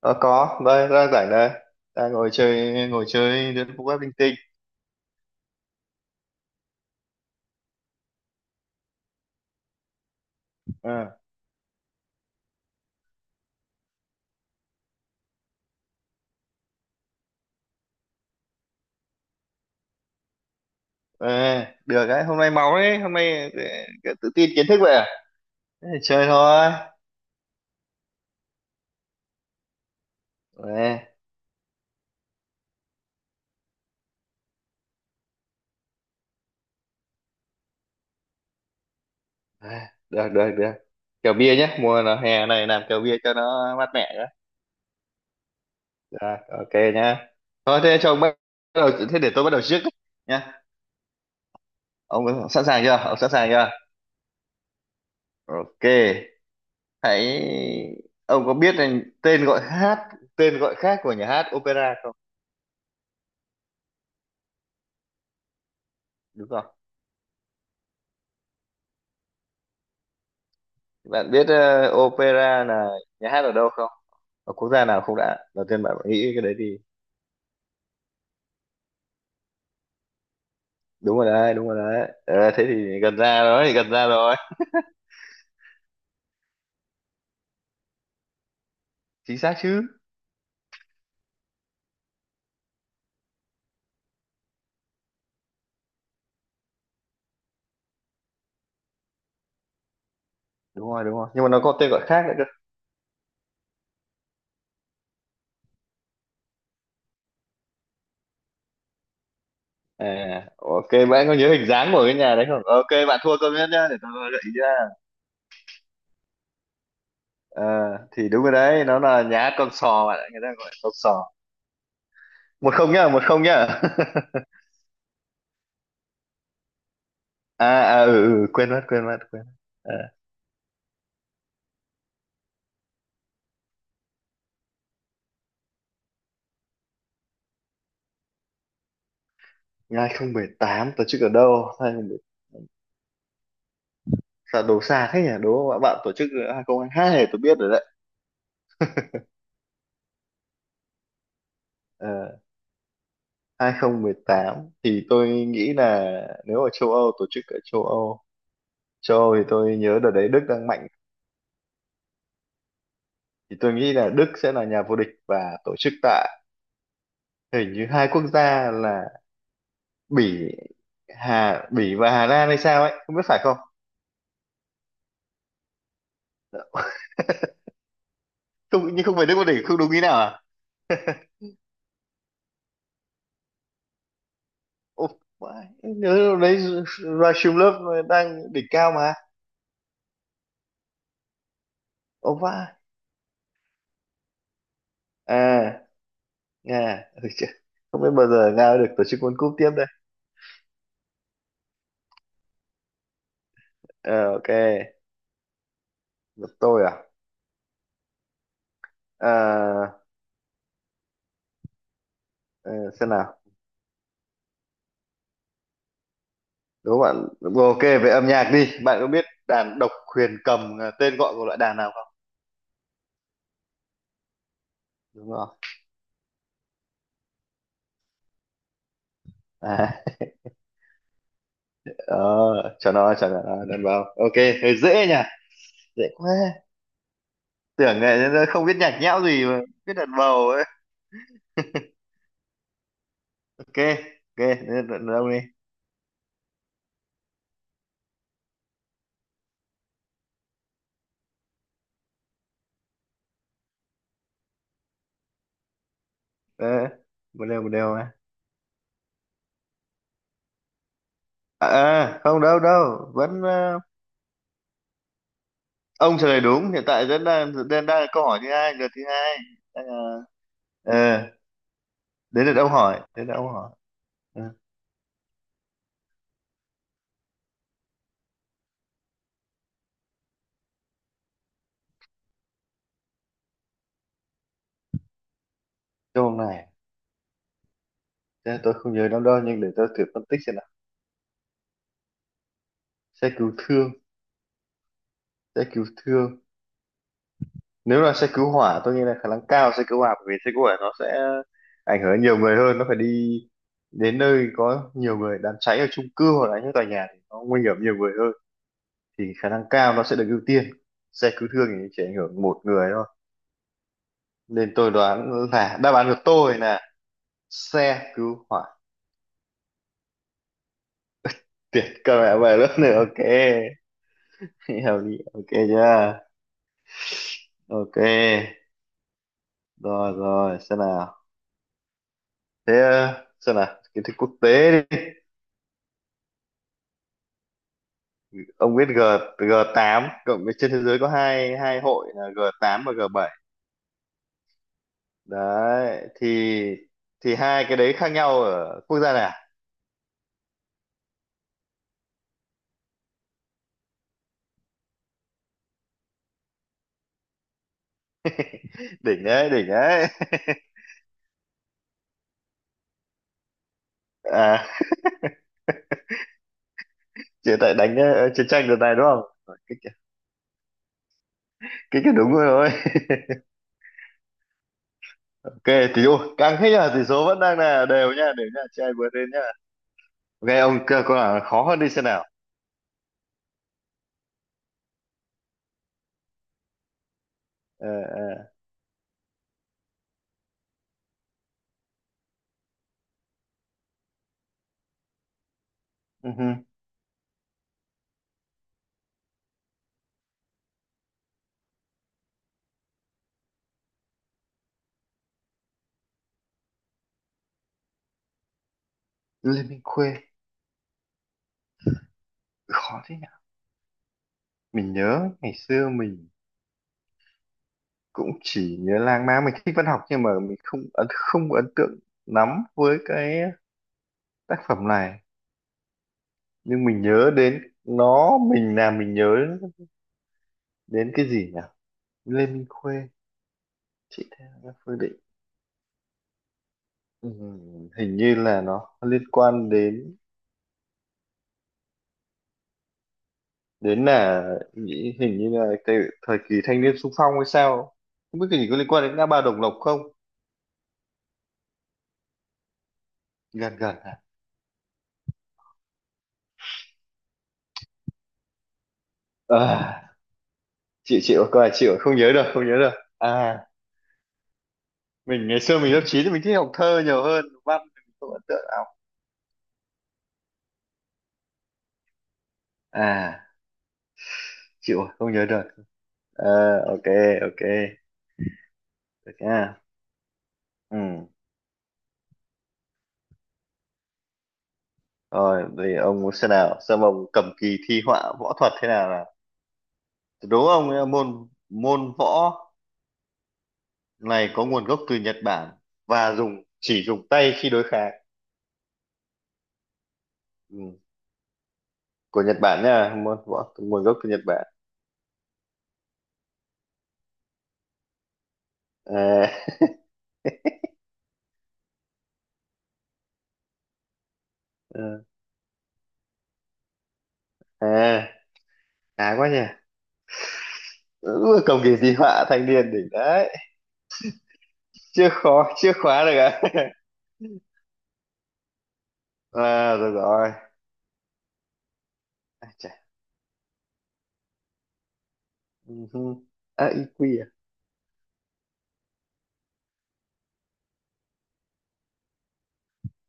Ờ, có đây đang rảnh đây đang ngồi chơi đến phút web linh tinh. Ờ, ờ, được đấy, hôm nay máu đấy, hôm nay tự tin kiến thức vậy à? Thế thì chơi thôi. Ờ, ờ, được được được, kèo bia nhé, mùa là hè này làm kèo bia cho nó mát mẻ nhé. Rồi, ok nhá, thôi thế cho ông bắt đầu, thế để tôi bắt đầu trước đấy, nhá. Ông sẵn sàng chưa, ông sẵn sàng chưa? Ok, hãy ông có biết là tên gọi hát tên gọi khác của nhà hát opera không? Đúng không, bạn biết opera là nhà hát ở đâu không, ở quốc gia nào không đã, đầu tiên bạn nghĩ cái đấy thì. Đúng rồi đấy, đúng rồi đấy, ờ, thế thì gần ra rồi, gần ra rồi. Chính xác chứ. Đúng rồi, đúng rồi, nhưng mà nó có tên gọi khác nữa cơ. À, ok, bạn có nhớ hình dáng của cái nhà đấy không? Ok, bạn thua câu nhất nhá, để tôi gợi ý ra. Ờ, thì đúng rồi đấy, nó là nhà hát con sò bạn ạ, người ta gọi là con sò. 1-0 nhá, 1-0 nhá. À, à, ừ, ừ, quên mất, quên mất, quên mất. À, 2018 tổ chức ở đâu? Sao đấu xa thế nhỉ, đúng không ạ bạn, tổ chức 2022 này tôi biết rồi đấy. Ờ, 2018 thì tôi nghĩ là nếu ở châu Âu, tổ chức ở châu Âu, châu Âu thì tôi nhớ đợt đấy Đức đang mạnh, thì tôi nghĩ là Đức sẽ là nhà vô địch và tổ chức tại, hình như hai quốc gia là Bỉ, Bỉ và Hà Lan hay sao ấy, không biết phải không? Không, nhưng không phải Đức vô địch không, đúng ý nào à? Ồ, vãi, nhớ lúc đấy Rasulov đang đỉnh cao mà. Ồ vãi. À, Nga. Ôi trời, không biết bao giờ Nga được tổ chức World Cup tiếp đây. Ờ, ok, được, tôi à. Ờ, ờ, xem nào, đố bạn, ừ, ok, về âm nhạc đi, bạn có biết đàn độc huyền cầm là tên gọi của loại đàn nào không? Đúng rồi. À, ờ, cho nó đàn bầu, ok. Hơi dễ nhỉ, dễ quá, tưởng này nó không biết nhạc nhẽo gì mà biết đàn bầu ấy. Ok, ok, đâu đi. Ờ, một đều, một đều mà. À, à, không đâu đâu vẫn ông trả lời đúng, hiện tại vẫn đang đang đang là câu hỏi thứ hai, lượt thứ hai, đang là, ờ, đến lượt ông hỏi, đến lượt ông hỏi. Ừ. Câu này thế tôi không nhớ lắm đâu, nhưng để tôi thử phân tích xem nào. Xe cứu thương, xe cứu thương, nếu là xe cứu hỏa tôi nghĩ là khả năng cao xe cứu hỏa, bởi vì xe cứu hỏa nó sẽ ảnh hưởng đến nhiều người hơn, nó phải đi đến nơi có nhiều người, đám cháy ở chung cư hoặc là những tòa nhà thì nó nguy hiểm nhiều người hơn, thì khả năng cao nó sẽ được ưu tiên. Xe cứu thương thì chỉ ảnh hưởng một người thôi, nên tôi đoán là đáp án của tôi là xe cứu hỏa. Tuyệt, các mẹ về lớp nữa, ok. Hiểu đi, ok. Chưa. Ok, rồi rồi, xem nào, thế, ờ, xem nào, kiến thức quốc tế đi. Ông biết G, G8 cộng với, trên thế giới có hai hai hội là G8 và G7 đấy, thì hai cái đấy khác nhau ở quốc gia nào. Đỉnh đấy, đỉnh đấy. À, chỉ tại đánh chiến tranh đợt này đúng không? Cái cái đúng rồi. Ok, tỷ ôi, càng thế là tỷ số vẫn đang là đều nha, chị ai vượt lên nhá. Ok, ông cơ câu nào khó hơn đi xem nào. Ờ, ờ, ừ hừ. Liên minh khuê, khó thế nhỉ. Mình nhớ ngày xưa mình cũng chỉ nhớ lang mang, mình thích văn học nhưng mà mình không ấn tượng lắm với cái tác phẩm này. Nhưng mình nhớ đến nó, mình làm mình nhớ đến cái gì nhỉ? Lê Minh Khuê, chị Thea, Phương Định. Ừ, hình như là nó liên quan đến, đến là nghĩ hình như là cái thời kỳ thanh niên xung phong hay sao, không biết cái gì, có liên quan đến ngã ba Đồng Lộc không? Gần gần, à, à, chịu, chịu có là chịu không nhớ được, không nhớ được. À, mình ngày xưa mình lớp 9 thì mình thích học thơ nhiều hơn văn, thì mình không ấn tượng nào. À, chịu rồi, không nhớ được. À, ok, ok, được nha. Ừ, rồi thì ông muốn, xem nào, xem ông cầm kỳ thi họa võ thuật thế nào nào. Đố ông ấy là môn môn võ này có nguồn gốc từ Nhật Bản và chỉ dùng tay khi đối kháng. Ừ. Của Nhật Bản nha, môn võ nguồn gốc từ Nhật Bản. À, ừ. À, khá quá nhỉ. Ừ, cầm kỳ di họa thanh niên đỉnh đấy. Chưa, khó chưa, khóa được à? À rồi rồi. À, chà. Ừ hừ. À, EQ à?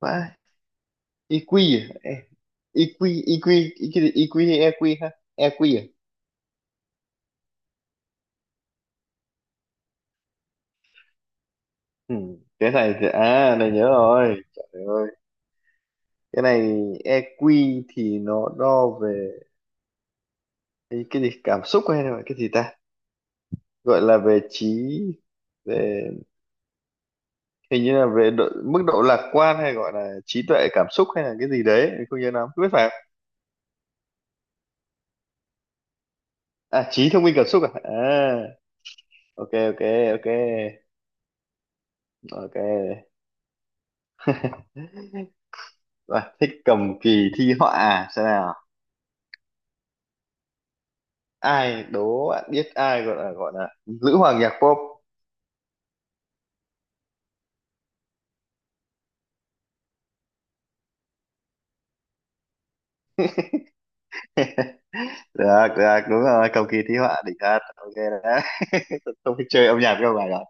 Vãi. EQ. À, ê, EQ, EQ, EQ, EQ hay EQ ha? EQ à. Ừ. Cái này thì à này nhớ rồi, trời ơi, cái này EQ thì nó đo về cái gì cảm xúc, hay là cái gì ta gọi là về trí, về, hình như là về độ, mức độ lạc quan, hay gọi là trí tuệ cảm xúc, hay là cái gì đấy, mình không nhớ lắm, không biết phải không? À, trí thông minh cảm xúc à, à, ok, ok, ok, ok. Và thích cầm kỳ thi họa à? Xem nào, ai, đố bạn biết ai gọi là, gọi là nữ hoàng nhạc pop. Được, được, đúng rồi, cầu kỳ thi họa đỉnh thật, ok đấy. Không biết chơi âm nhạc đâu bài đó.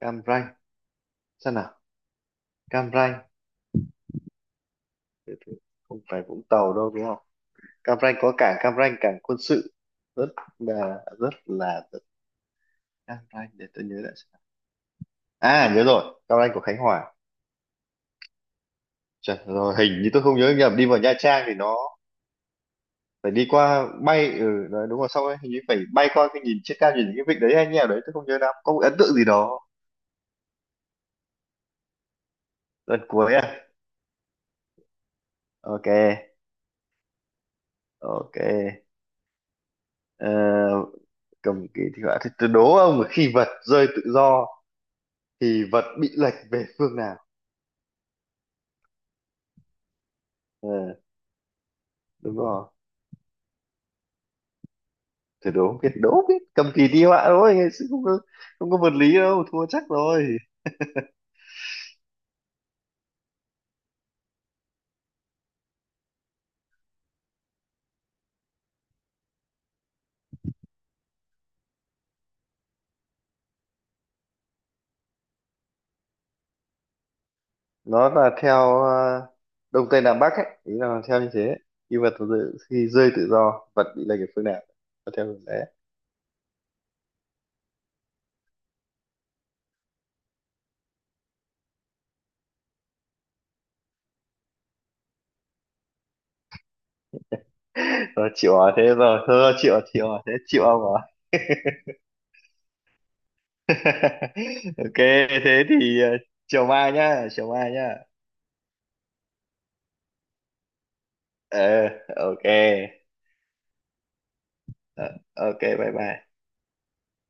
Cam Ranh, sao nào? Cam Ranh, từ từ, không phải Vũng Tàu đâu đúng không? Cam Ranh có cảng Cam Ranh, cảng quân sự rất là, Cam Ranh, để tôi nhớ lại xem nào. À nhớ rồi, Cam Ranh của Khánh Hòa. Trời, rồi hình như tôi không nhớ nhầm, đi vào Nha Trang thì nó phải đi qua, bay, ừ đấy, đúng rồi, xong rồi, hình như phải bay qua cái, nhìn trên cao nhìn những cái vịnh đấy hay như nào đấy, tôi không nhớ lắm, có một ấn tượng gì đó. Lần cuối à. Ok. Ok. Ờ, cầm kỳ thi họa thì tôi đố ông là khi vật rơi tự do thì vật bị lệch về phương nào? Ờ, đúng rồi. Thử đố không biết, đố không biết cầm kỳ thi họa thôi chứ không có, không có vật lý đâu, thua chắc rồi. Nó là theo đông tây nam bắc ấy, ý là theo như thế, khi vật rơi, khi rơi tự do vật bị lệch về phương nào, nó theo hướng đấy. Rồi, chịu, hỏi thế rồi thôi, chịu hỏi thế, chịu ông rồi. Ok, thế thì, ờ, chiều mai nhá, chiều mai nhá. Ờ, ok. Ờ, ok, bye bye.